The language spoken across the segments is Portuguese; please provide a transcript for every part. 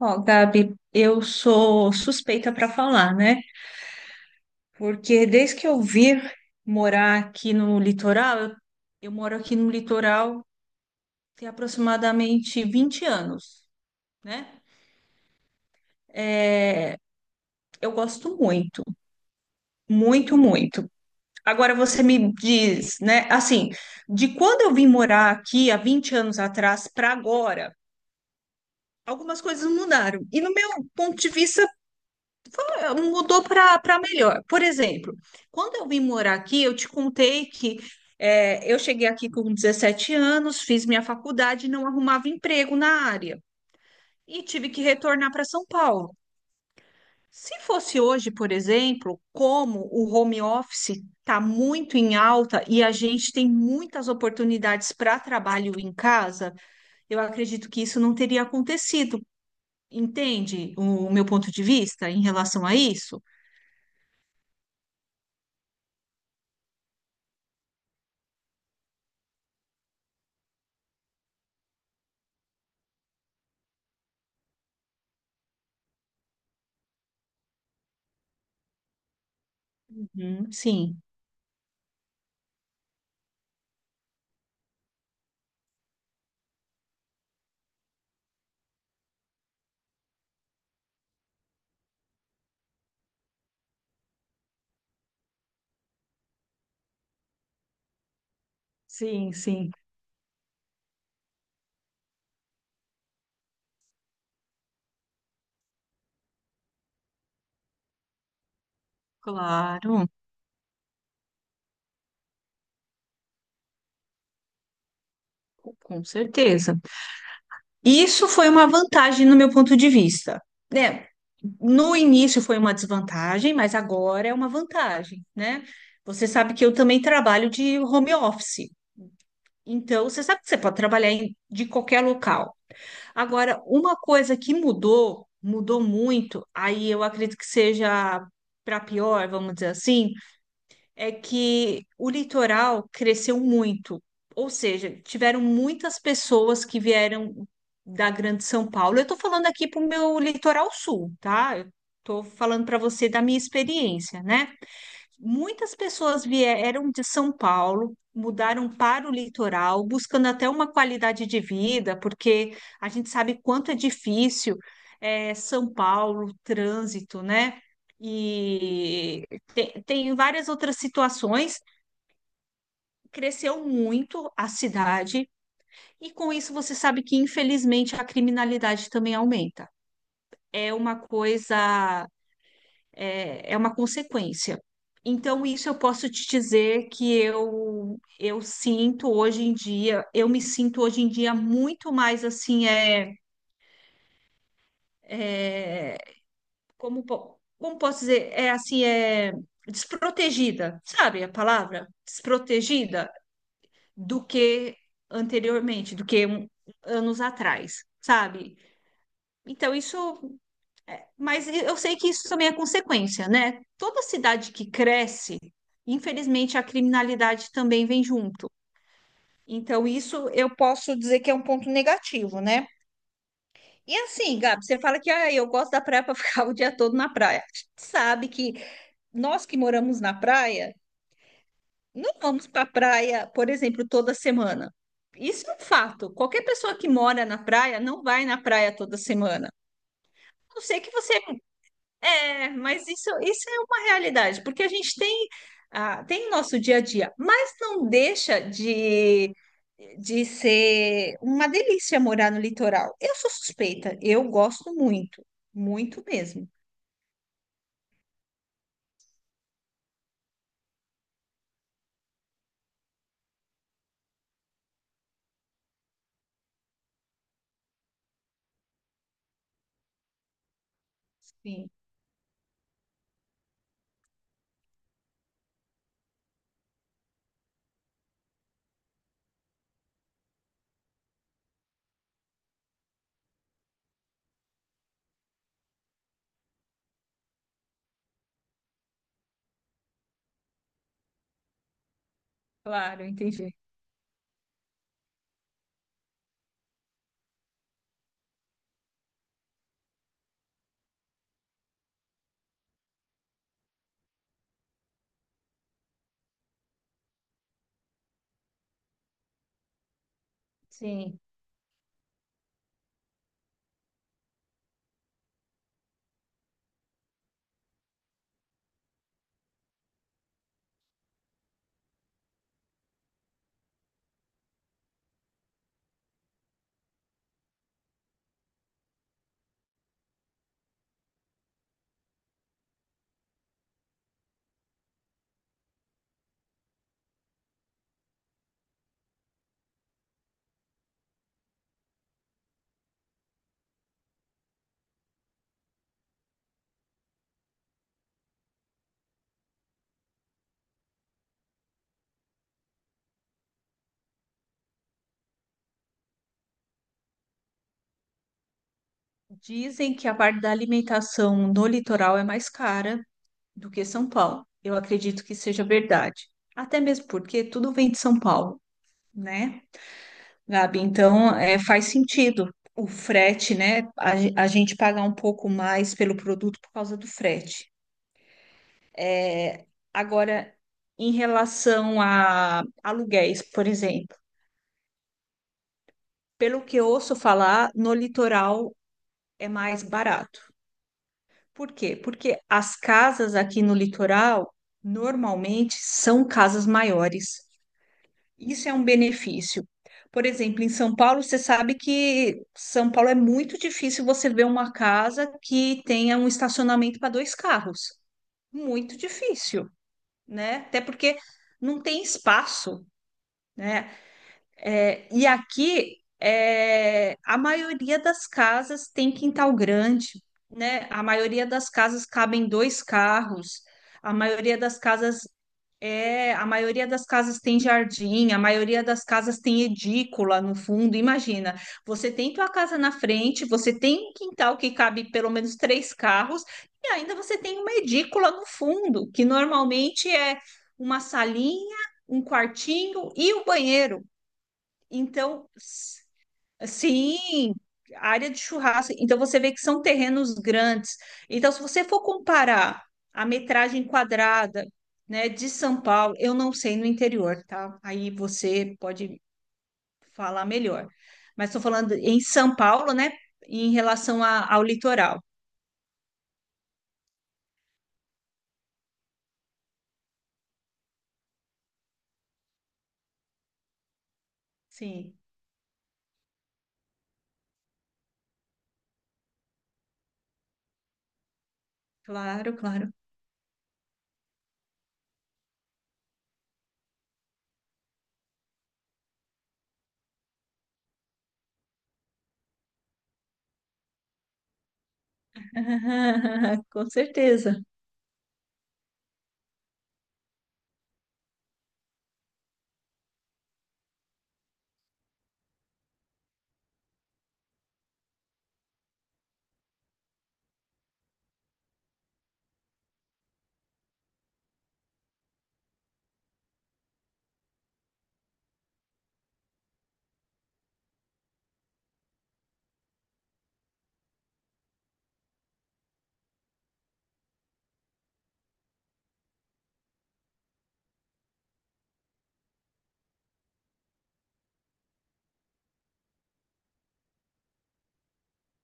Ó, Gabi, eu sou suspeita para falar, né? Porque desde que eu vim morar aqui no litoral, eu moro aqui no litoral tem aproximadamente 20 anos, né? É, eu gosto muito, muito, muito. Agora você me diz, né? Assim, de quando eu vim morar aqui há 20 anos atrás para agora, algumas coisas mudaram. E no meu ponto de vista, mudou para melhor. Por exemplo, quando eu vim morar aqui, eu te contei que eu cheguei aqui com 17 anos, fiz minha faculdade e não arrumava emprego na área e tive que retornar para São Paulo. Se fosse hoje, por exemplo, como o home office está muito em alta e a gente tem muitas oportunidades para trabalho em casa, eu acredito que isso não teria acontecido. Entende o meu ponto de vista em relação a isso? Uhum. Sim, sim, sim, claro, com certeza. Isso foi uma vantagem no meu ponto de vista, né? No início foi uma desvantagem, mas agora é uma vantagem, né? Você sabe que eu também trabalho de home office. Então, você sabe que você pode de qualquer local. Agora, uma coisa que mudou, mudou muito, aí eu acredito que seja para pior, vamos dizer assim, é que o litoral cresceu muito. Ou seja, tiveram muitas pessoas que vieram da Grande São Paulo. Eu estou falando aqui para o meu litoral sul, tá? Eu estou falando para você da minha experiência, né? Muitas pessoas vieram de São Paulo, mudaram para o litoral, buscando até uma qualidade de vida, porque a gente sabe quanto é difícil São Paulo, trânsito, né? E tem várias outras situações. Cresceu muito a cidade, e com isso você sabe que, infelizmente, a criminalidade também aumenta. É uma coisa é uma consequência. Então, isso eu posso te dizer que eu sinto hoje em dia, eu me sinto hoje em dia muito mais assim, é, como, como posso dizer, é assim, é desprotegida, sabe a palavra? Desprotegida do que anteriormente, do que anos atrás, sabe? Então, isso. Mas eu sei que isso também é consequência, né? Toda cidade que cresce, infelizmente, a criminalidade também vem junto. Então, isso eu posso dizer que é um ponto negativo, né? E assim, Gabi, você fala que ah, eu gosto da praia para ficar o dia todo na praia. A gente sabe que nós que moramos na praia, não vamos para a praia, por exemplo, toda semana. Isso é um fato. Qualquer pessoa que mora na praia não vai na praia toda semana. A não ser que você. É, mas isso é uma realidade, porque a gente tem, ah, tem o nosso dia a dia, mas não deixa de ser uma delícia morar no litoral. Eu sou suspeita, eu gosto muito, muito mesmo. Sim, claro, entendi. Sim. Dizem que a parte da alimentação no litoral é mais cara do que São Paulo. Eu acredito que seja verdade. Até mesmo porque tudo vem de São Paulo, né? Gabi, então é, faz sentido o frete, né? A gente pagar um pouco mais pelo produto por causa do frete. É, Agora, em relação a aluguéis, por exemplo, pelo que eu ouço falar, no litoral é mais barato. Por quê? Porque as casas aqui no litoral normalmente são casas maiores. Isso é um benefício. Por exemplo, em São Paulo, você sabe que São Paulo é muito difícil você ver uma casa que tenha um estacionamento para dois carros. Muito difícil, né? Até porque não tem espaço, né? É, e aqui é, a maioria das casas tem quintal grande, né? A maioria das casas cabem dois carros. A maioria das casas a maioria das casas tem jardim, a maioria das casas tem edícula no fundo. Imagina, você tem tua casa na frente, você tem um quintal que cabe pelo menos três carros, e ainda você tem uma edícula no fundo, que normalmente é uma salinha, um quartinho e o banheiro. Então, sim, área de churrasco. Então você vê que são terrenos grandes. Então, se você for comparar a metragem quadrada, né, de São Paulo, eu não sei no interior, tá? Aí você pode falar melhor. Mas estou falando em São Paulo, né, em relação ao litoral. Sim, claro, claro. Com certeza.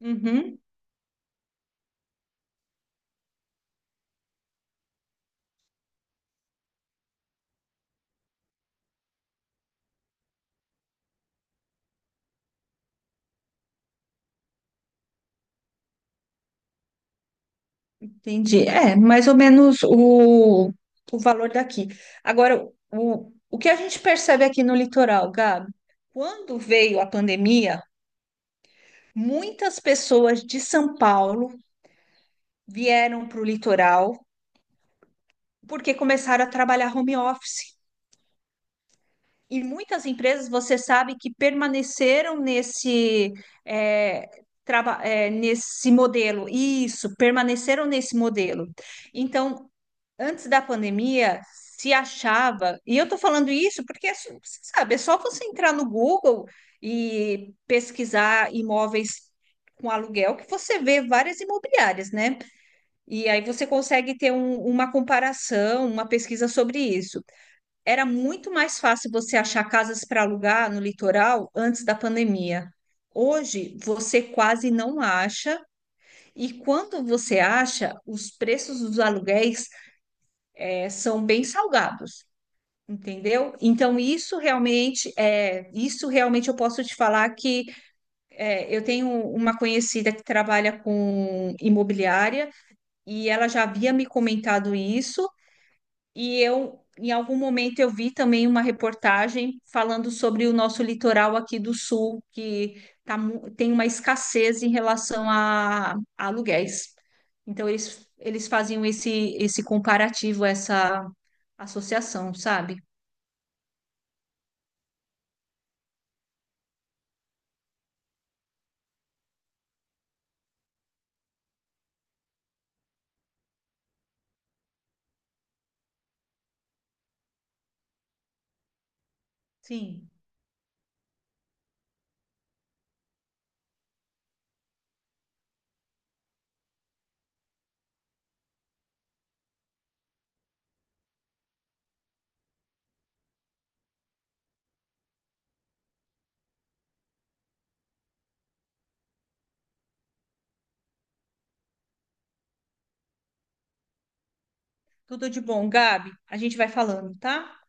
Uhum. Entendi. É, mais ou menos o valor daqui. Agora, o que a gente percebe aqui no litoral, Gabi, quando veio a pandemia, muitas pessoas de São Paulo vieram para o litoral porque começaram a trabalhar home office. E muitas empresas, você sabe, que permaneceram nesse, é, nesse modelo. Isso, permaneceram nesse modelo. Então, antes da pandemia, se achava, e eu tô falando isso porque, assim, você sabe, é só você entrar no Google e pesquisar imóveis com aluguel que você vê várias imobiliárias, né? E aí você consegue ter uma comparação, uma pesquisa sobre isso. Era muito mais fácil você achar casas para alugar no litoral antes da pandemia. Hoje você quase não acha, e quando você acha, os preços dos aluguéis são bem salgados. Entendeu? Então, isso realmente é, isso realmente eu posso te falar que é, eu tenho uma conhecida que trabalha com imobiliária e ela já havia me comentado isso, e eu em algum momento eu vi também uma reportagem falando sobre o nosso litoral aqui do sul, que tem uma escassez em relação a aluguéis. Então, eles faziam esse, esse comparativo, essa associação, sabe? Sim. Tudo de bom, Gabi. A gente vai falando, tá?